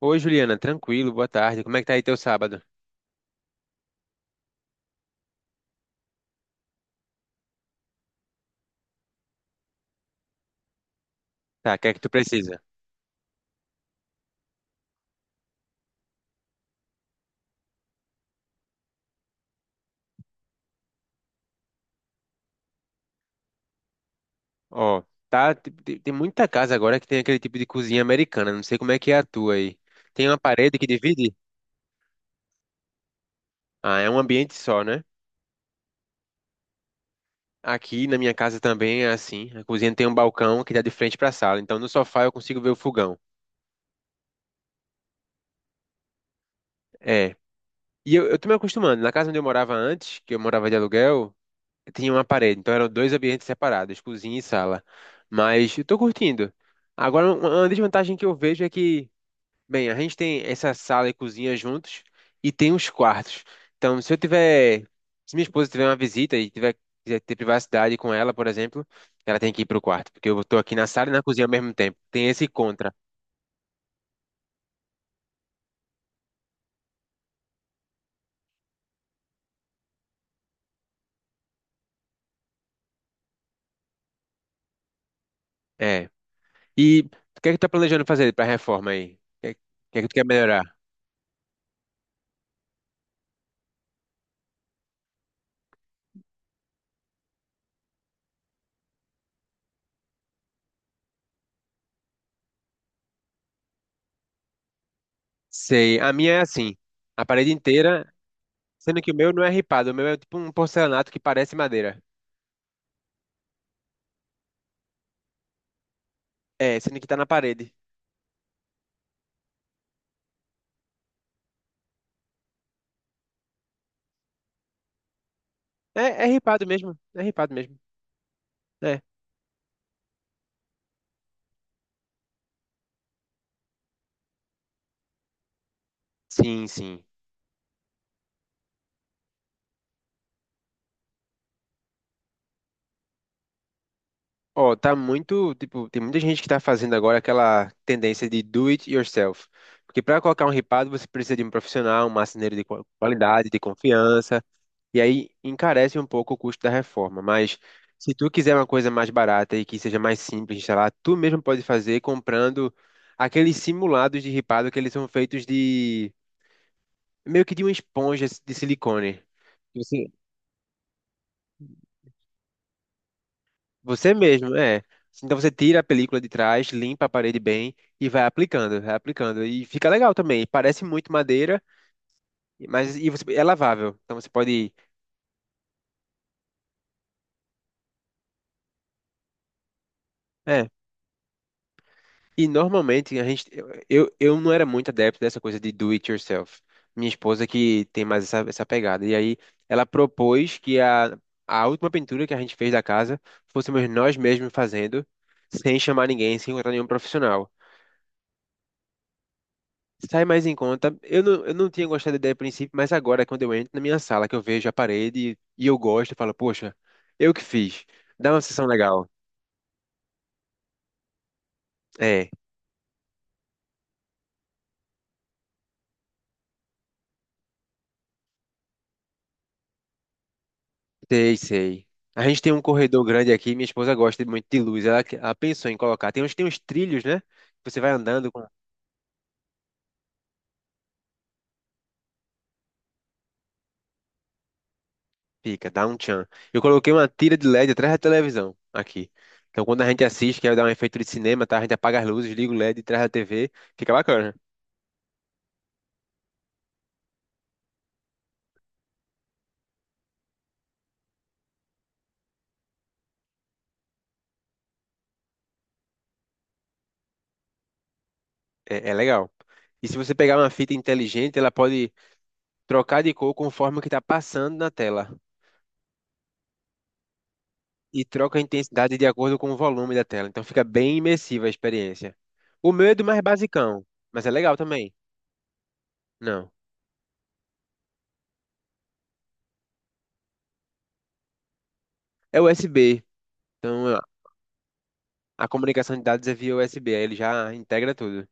Oi, Juliana, tranquilo, boa tarde. Como é que tá aí teu sábado? Tá, o que é que tu precisa? Ó, tá, tem muita casa agora que tem aquele tipo de cozinha americana, não sei como é que é a tua aí. Tem uma parede que divide? Ah, é um ambiente só, né? Aqui na minha casa também é assim. A cozinha tem um balcão que dá de frente pra sala, então no sofá eu consigo ver o fogão. É. E eu tô me acostumando. Na casa onde eu morava antes, que eu morava de aluguel, tinha uma parede, então eram dois ambientes separados, cozinha e sala. Mas eu tô curtindo. Agora, uma desvantagem que eu vejo é que bem, a gente tem essa sala e cozinha juntos e tem os quartos. Então, se minha esposa tiver uma visita e tiver quiser ter privacidade com ela, por exemplo, ela tem que ir pro quarto, porque eu estou aqui na sala e na cozinha ao mesmo tempo. Tem esse contra. É. E o que é que tu tá planejando fazer para reforma aí? O que é que tu quer melhorar? Sei, a minha é assim, a parede inteira, sendo que o meu não é ripado, o meu é tipo um porcelanato que parece madeira. É, sendo que tá na parede. É ripado mesmo, é ripado mesmo. É. Sim, sim. Ó, tá muito, tipo, tem muita gente que tá fazendo agora aquela tendência de do it yourself. Porque para colocar um ripado, você precisa de um profissional, um marceneiro de qualidade, de confiança, e aí encarece um pouco o custo da reforma. Mas se tu quiser uma coisa mais barata e que seja mais simples de instalar, tu mesmo pode fazer comprando aqueles simulados de ripado que eles são feitos de meio que de uma esponja de silicone. Você mesmo, é. Então você tira a película de trás, limpa a parede bem e vai aplicando, vai aplicando. E fica legal também. Parece muito madeira, mas e você, é lavável. Então você pode. É. E normalmente a gente. Eu não era muito adepto dessa coisa de do it yourself. Minha esposa que tem mais essa pegada. E aí ela propôs que a última pintura que a gente fez da casa fôssemos nós mesmos fazendo, sem chamar ninguém, sem encontrar nenhum profissional. Sai mais em conta. Eu não tinha gostado da ideia a princípio, mas agora, quando eu entro na minha sala, que eu vejo a parede e eu gosto, eu falo, poxa, eu que fiz. Dá uma sessão legal. É, sei, sei. A gente tem um corredor grande aqui, minha esposa gosta muito de luz, ela pensou em colocar. Tem uns trilhos, né? Que você vai andando com. Fica, dá um tchan. Eu coloquei uma tira de LED atrás da televisão, aqui. Então, quando a gente assiste, quer dar um efeito de cinema, tá? A gente apaga as luzes, liga o LED atrás da TV, fica bacana. É legal. E se você pegar uma fita inteligente, ela pode trocar de cor conforme o que está passando na tela. E troca a intensidade de acordo com o volume da tela. Então fica bem imersiva a experiência. O meu é do mais basicão, mas é legal também. Não. É USB. Então a comunicação de dados é via USB. Aí ele já integra tudo.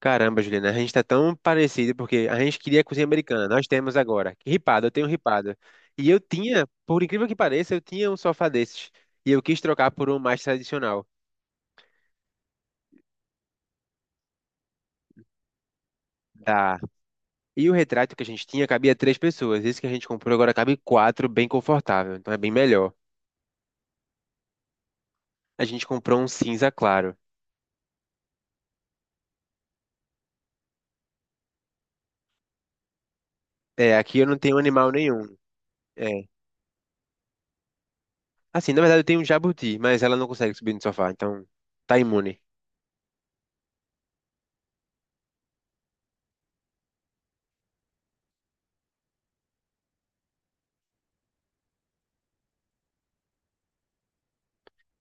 Caramba, Juliana, a gente tá tão parecido porque a gente queria cozinha americana. Nós temos agora. Ripado, eu tenho ripado. E eu tinha, por incrível que pareça, eu tinha um sofá desses. E eu quis trocar por um mais tradicional. Dá. E o retrato que a gente tinha cabia três pessoas. Esse que a gente comprou agora cabe quatro, bem confortável. Então é bem melhor. A gente comprou um cinza claro. É, aqui eu não tenho animal nenhum. É. Assim, na verdade eu tenho um jabuti, mas ela não consegue subir no sofá, então tá imune.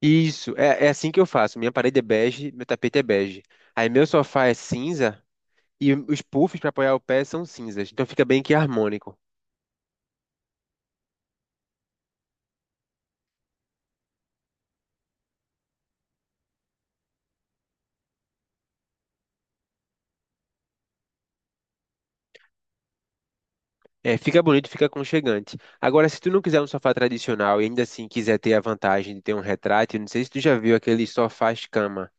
Isso, é assim que eu faço. Minha parede é bege, meu tapete é bege. Aí meu sofá é cinza e os puffs para apoiar o pé são cinzas. Então fica bem que harmônico. É, fica bonito, fica aconchegante. Agora, se tu não quiser um sofá tradicional e ainda assim quiser ter a vantagem de ter um retrátil, não sei se tu já viu aquele sofá cama.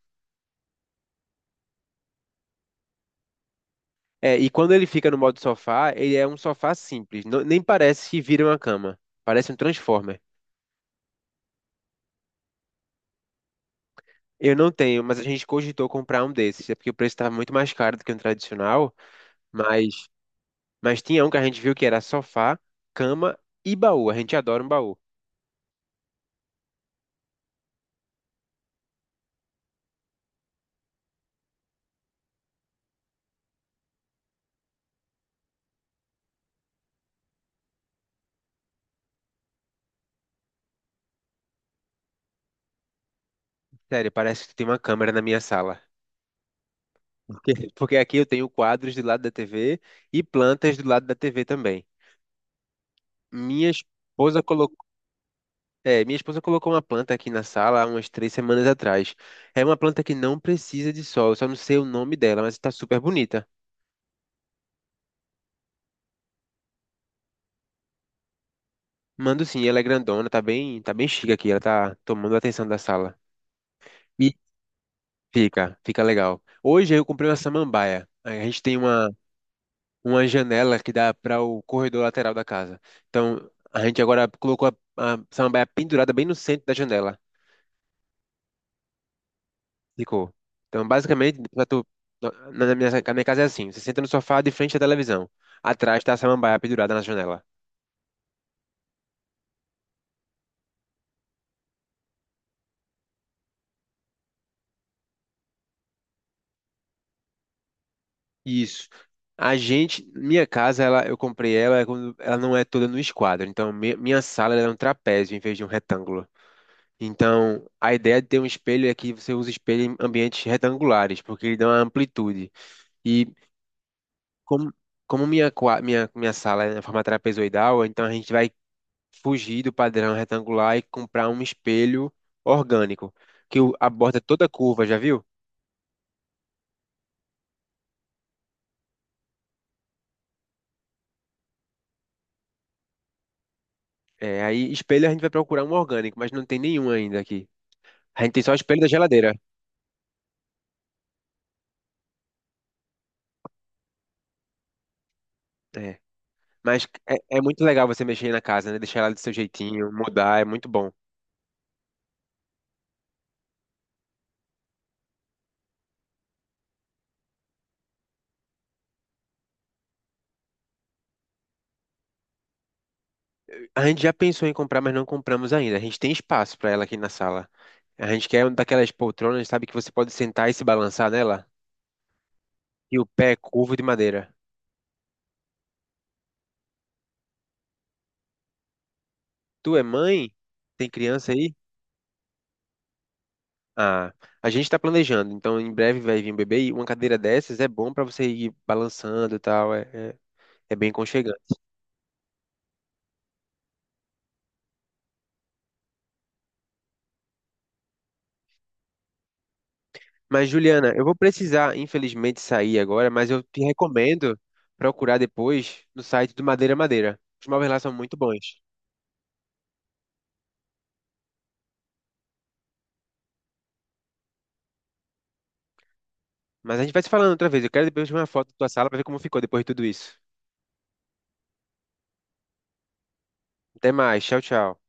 É, e quando ele fica no modo sofá, ele é um sofá simples, nem parece que vira uma cama, parece um Transformer. Eu não tenho, mas a gente cogitou comprar um desses, é porque o preço estava muito mais caro do que um tradicional, mas, mas tinha um que a gente viu que era sofá, cama e baú. A gente adora um baú. Sério, parece que tem uma câmera na minha sala. Porque porque aqui eu tenho quadros do lado da TV e plantas do lado da TV também. Minha esposa colocou, minha esposa colocou uma planta aqui na sala há umas 3 semanas atrás. É uma planta que não precisa de sol, eu só não sei o nome dela, mas está super bonita. Mando sim, ela é grandona, tá bem chique aqui, ela tá tomando a atenção da sala. E fica legal. Hoje eu comprei uma samambaia. A gente tem uma janela que dá para o corredor lateral da casa. Então, a gente agora colocou a samambaia pendurada bem no centro da janela. Ficou. Então, basicamente, pra tu- na na minha casa é assim: você senta no sofá de frente à televisão. Atrás está a samambaia pendurada na janela. Isso. A gente, minha casa, ela, eu comprei ela quando ela não é toda no esquadro. Então, minha sala ela é um trapézio em vez de um retângulo. Então, a ideia de ter um espelho é que você usa espelho em ambientes retangulares, porque ele dá uma amplitude. E Como, como minha, qua- minha sala é na forma trapezoidal, então a gente vai fugir do padrão retangular e comprar um espelho orgânico, que a borda é toda curva, já viu? É, aí espelho a gente vai procurar um orgânico, mas não tem nenhum ainda aqui. A gente tem só espelho da geladeira. É. Mas é muito legal você mexer na casa, né? Deixar ela do seu jeitinho, mudar, é muito bom. A gente já pensou em comprar, mas não compramos ainda. A gente tem espaço para ela aqui na sala. A gente quer uma daquelas poltronas, sabe, que você pode sentar e se balançar nela? E o pé é curvo de madeira. Tu é mãe? Tem criança aí? Ah, a gente está planejando, então em breve vai vir um bebê e uma cadeira dessas é bom para você ir balançando e tal, é bem aconchegante. Mas, Juliana, eu vou precisar, infelizmente, sair agora, mas eu te recomendo procurar depois no site do Madeira Madeira. Os móveis lá são muito bons. Mas a gente vai se falando outra vez. Eu quero depois ver uma foto da tua sala para ver como ficou depois de tudo isso. Até mais, tchau, tchau.